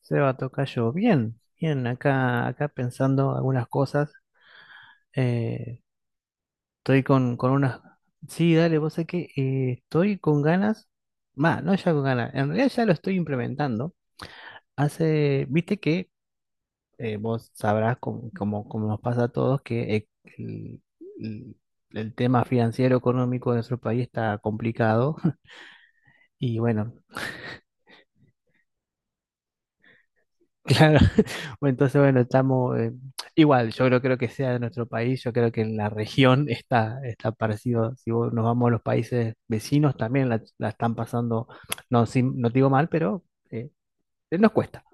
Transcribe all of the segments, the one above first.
Seba Tocayo, bien, bien, acá, acá pensando algunas cosas. eh, Estoy con unas. Sí, dale, vos sé que estoy con ganas. Va, no ya con ganas. En realidad ya lo estoy implementando. Hace, viste que vos sabrás, como nos pasa a todos, que el, el- el tema financiero económico de nuestro país está complicado. Y bueno, claro, bueno, entonces bueno, estamos igual, yo creo que sea de nuestro país, yo creo que en la región está parecido, si vos- nos vamos a los países vecinos también la están pasando, no, sin- no digo mal, pero eh, nos cuesta.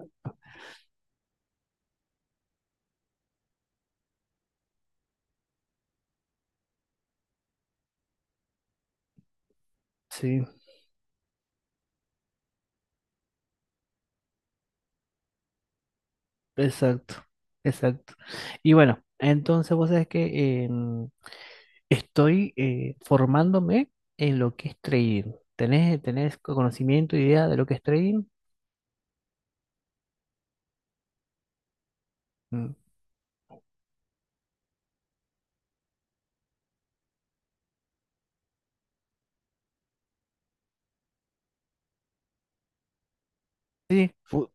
Sí, exacto, exacto. Y bueno, entonces vos sabés que estoy formándome en lo que es trading. ¿Tenés, tenés conocimiento, idea de lo que es trading? Mm. Sí, fu-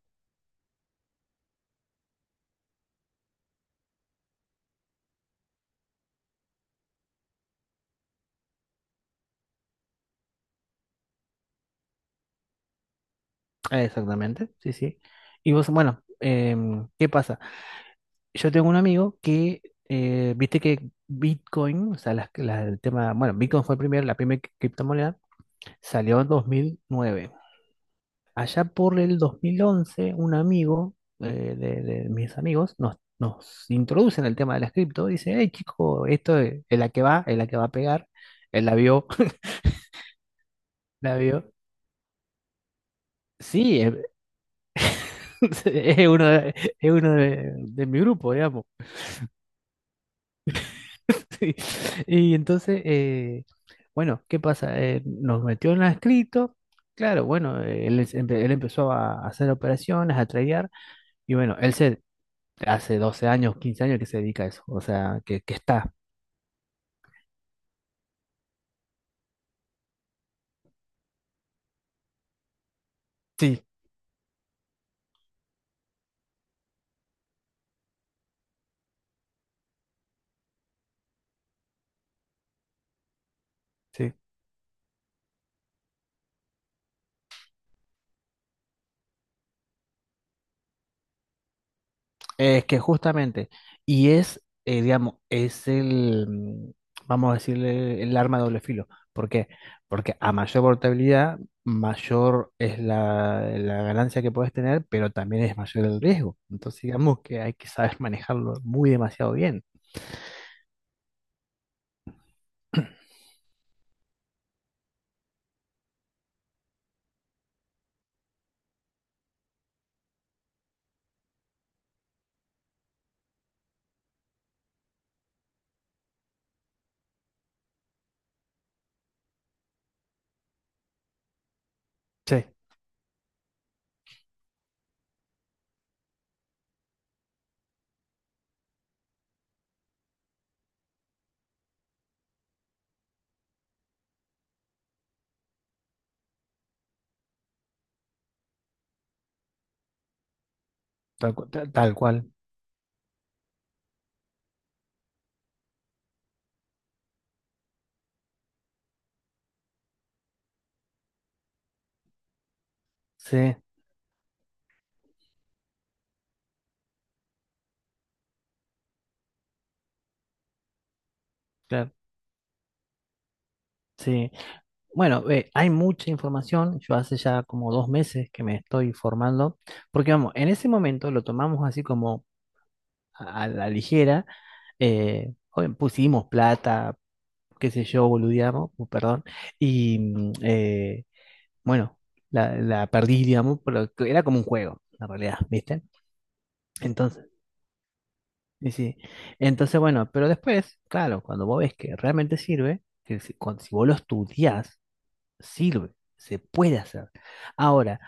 Exactamente, sí, sí. Y vos, bueno, ¿qué pasa? Yo tengo un amigo que viste que Bitcoin, o sea, las- la- el tema, bueno, Bitcoin fue el primer, la primera criptomoneda, salió en 2009. Allá por el 2011 un amigo de mis amigos nos introduce en el tema de las cripto, dice, hey chico, esto es la que va, es la que va a pegar, él la vio, la vio. Sí, es, es uno de, es uno de mi grupo, digamos. Sí. Y entonces, bueno, ¿qué pasa? Nos metió en la escrito. Claro, bueno, él, es- empe- él empezó a hacer operaciones, a tradear. Y bueno, él se, hace 12 años, 15 años que se dedica a eso. O sea, que está. Sí, sí. Es que justamente, y es, digamos, es el, vamos a decirle, el arma de doble filo. ¿Por qué? Porque a mayor portabilidad, mayor es la ganancia que puedes tener, pero también es mayor el riesgo. Entonces, digamos que hay que saber manejarlo muy demasiado bien. Sí, tal, cu- ta- tal cual. Sí, claro. Sí. Bueno, hay mucha información. Yo hace ya como 2 meses que me estoy formando, porque vamos, en ese momento lo tomamos así a la ligera. Eh, joven, pusimos plata, qué sé yo, boludeamos, perdón. Y bueno, la perdí, digamos, pero que era como un juego, en realidad, ¿viste? Entonces, y sí. Entonces, bueno, pero después, claro, cuando vos ves que realmente sirve, que si, cuando- si vos lo estudiás, sirve. Se puede hacer. Ahora,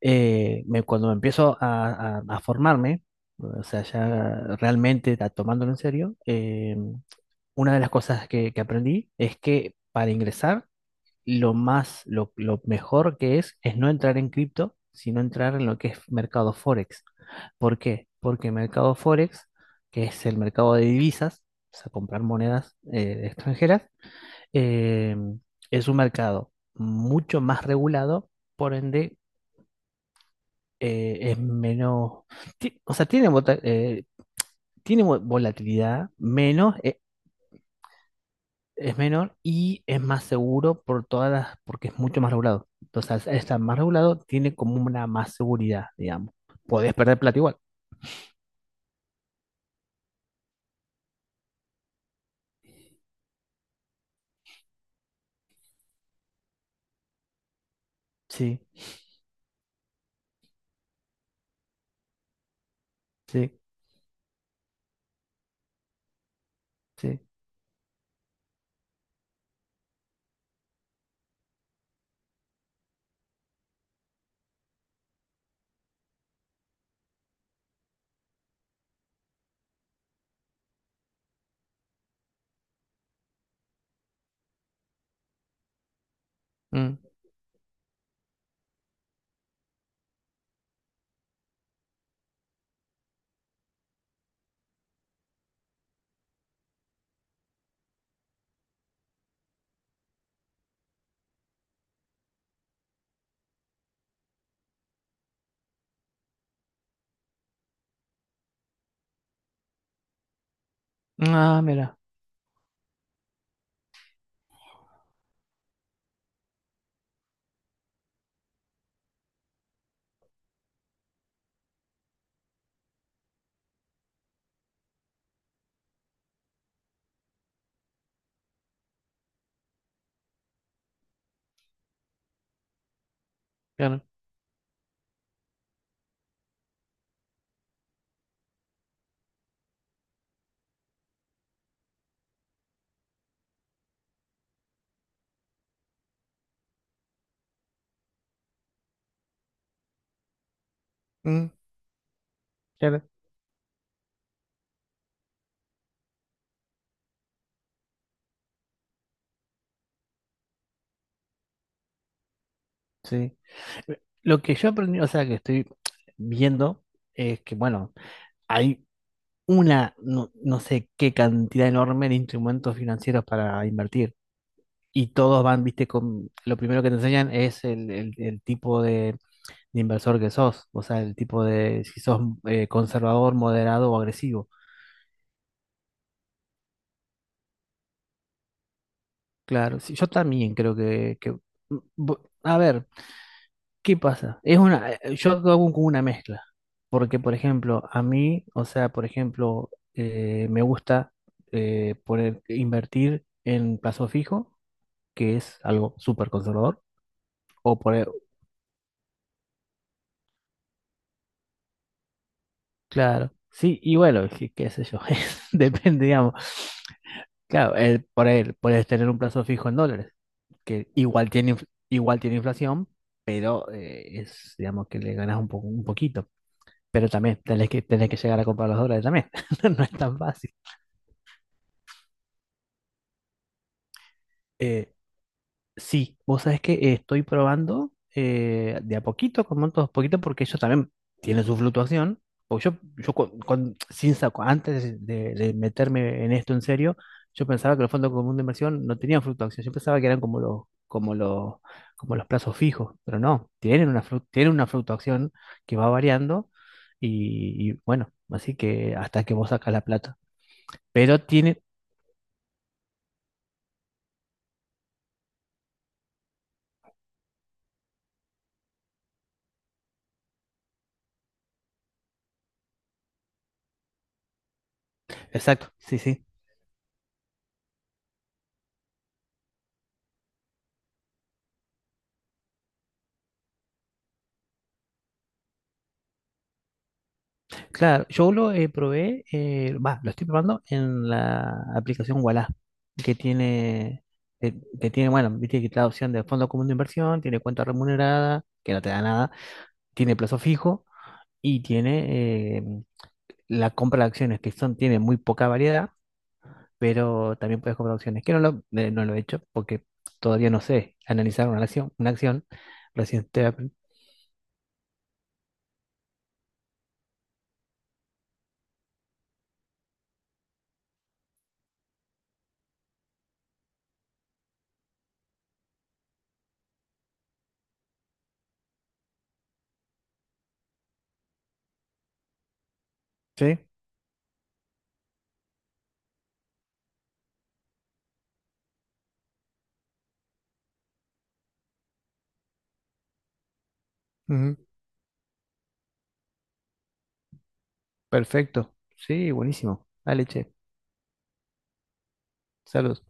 me- cuando empiezo a formarme, o sea, ya realmente ta- tomándolo en serio, una de las cosas que aprendí es que para ingresar, lo más, lo mejor que es no entrar en cripto, sino entrar en lo que es mercado Forex. ¿Por qué? Porque mercado Forex, que es el mercado de divisas, o sea, comprar monedas extranjeras, eh, es un mercado mucho más regulado, por ende, es menos, ti- o sea, tiene, vota- tiene vo- volatilidad menos, es menor y es más seguro por todas las, porque es mucho más regulado. Entonces, al estar más regulado, tiene como una más seguridad, digamos. Podés perder plata igual. Sí, sí, sí. Mm. Ah, mira, claro. Mm, claro, sí. Lo que yo aprendí, o sea, que estoy viendo, es que, bueno, hay una, no, no sé qué cantidad enorme de instrumentos financieros para invertir. Y todos van, viste, con, lo primero que te enseñan es el tipo de inversor que sos, o sea, el tipo de si sos conservador, moderado o agresivo. Claro, sí, yo también creo que- mm, bu- a ver, ¿qué pasa? Es una, yo hago como una mezcla, porque por ejemplo, a mí, o sea, por ejemplo, me gusta poner, invertir en plazo fijo, que es algo súper conservador, o poner, claro, sí, y bueno, qué, qué sé yo, depende, digamos, claro, el, por él, puedes tener un plazo fijo en dólares. Que igual tiene, inf- igual tiene inflación, pero es, digamos que le ganas un poco, un poquito. Pero también tenés que llegar a comprar los dólares también. No es tan fácil. Eh, Sí, vos sabés que estoy probando de a poquito, con montos poquito, porque ellos también tienen su fluctuación. Porque yo con- sin saco, antes de meterme en esto en serio, yo pensaba que los fondos comunes de inversión no tenían fluctuación. Yo pensaba que eran como como los plazos fijos, pero no, tienen una, flu- tienen una fluctuación que va variando y bueno, así que hasta que vos sacas la plata. Pero tiene, exacto, sí, sí. Claro, yo lo probé, va, lo estoy probando en la aplicación Ualá, que tiene, que, que tiene, bueno, viste que te da opción de fondo común de inversión, tiene cuenta remunerada, que no te da nada, tiene plazo fijo y tiene la compra de acciones, que son, tiene muy poca variedad, pero también puedes comprar acciones, que no lo, no lo he hecho porque todavía no sé analizar una acción, recién te- Sí, ujú, perfecto, sí, buenísimo, dale, che, saludos.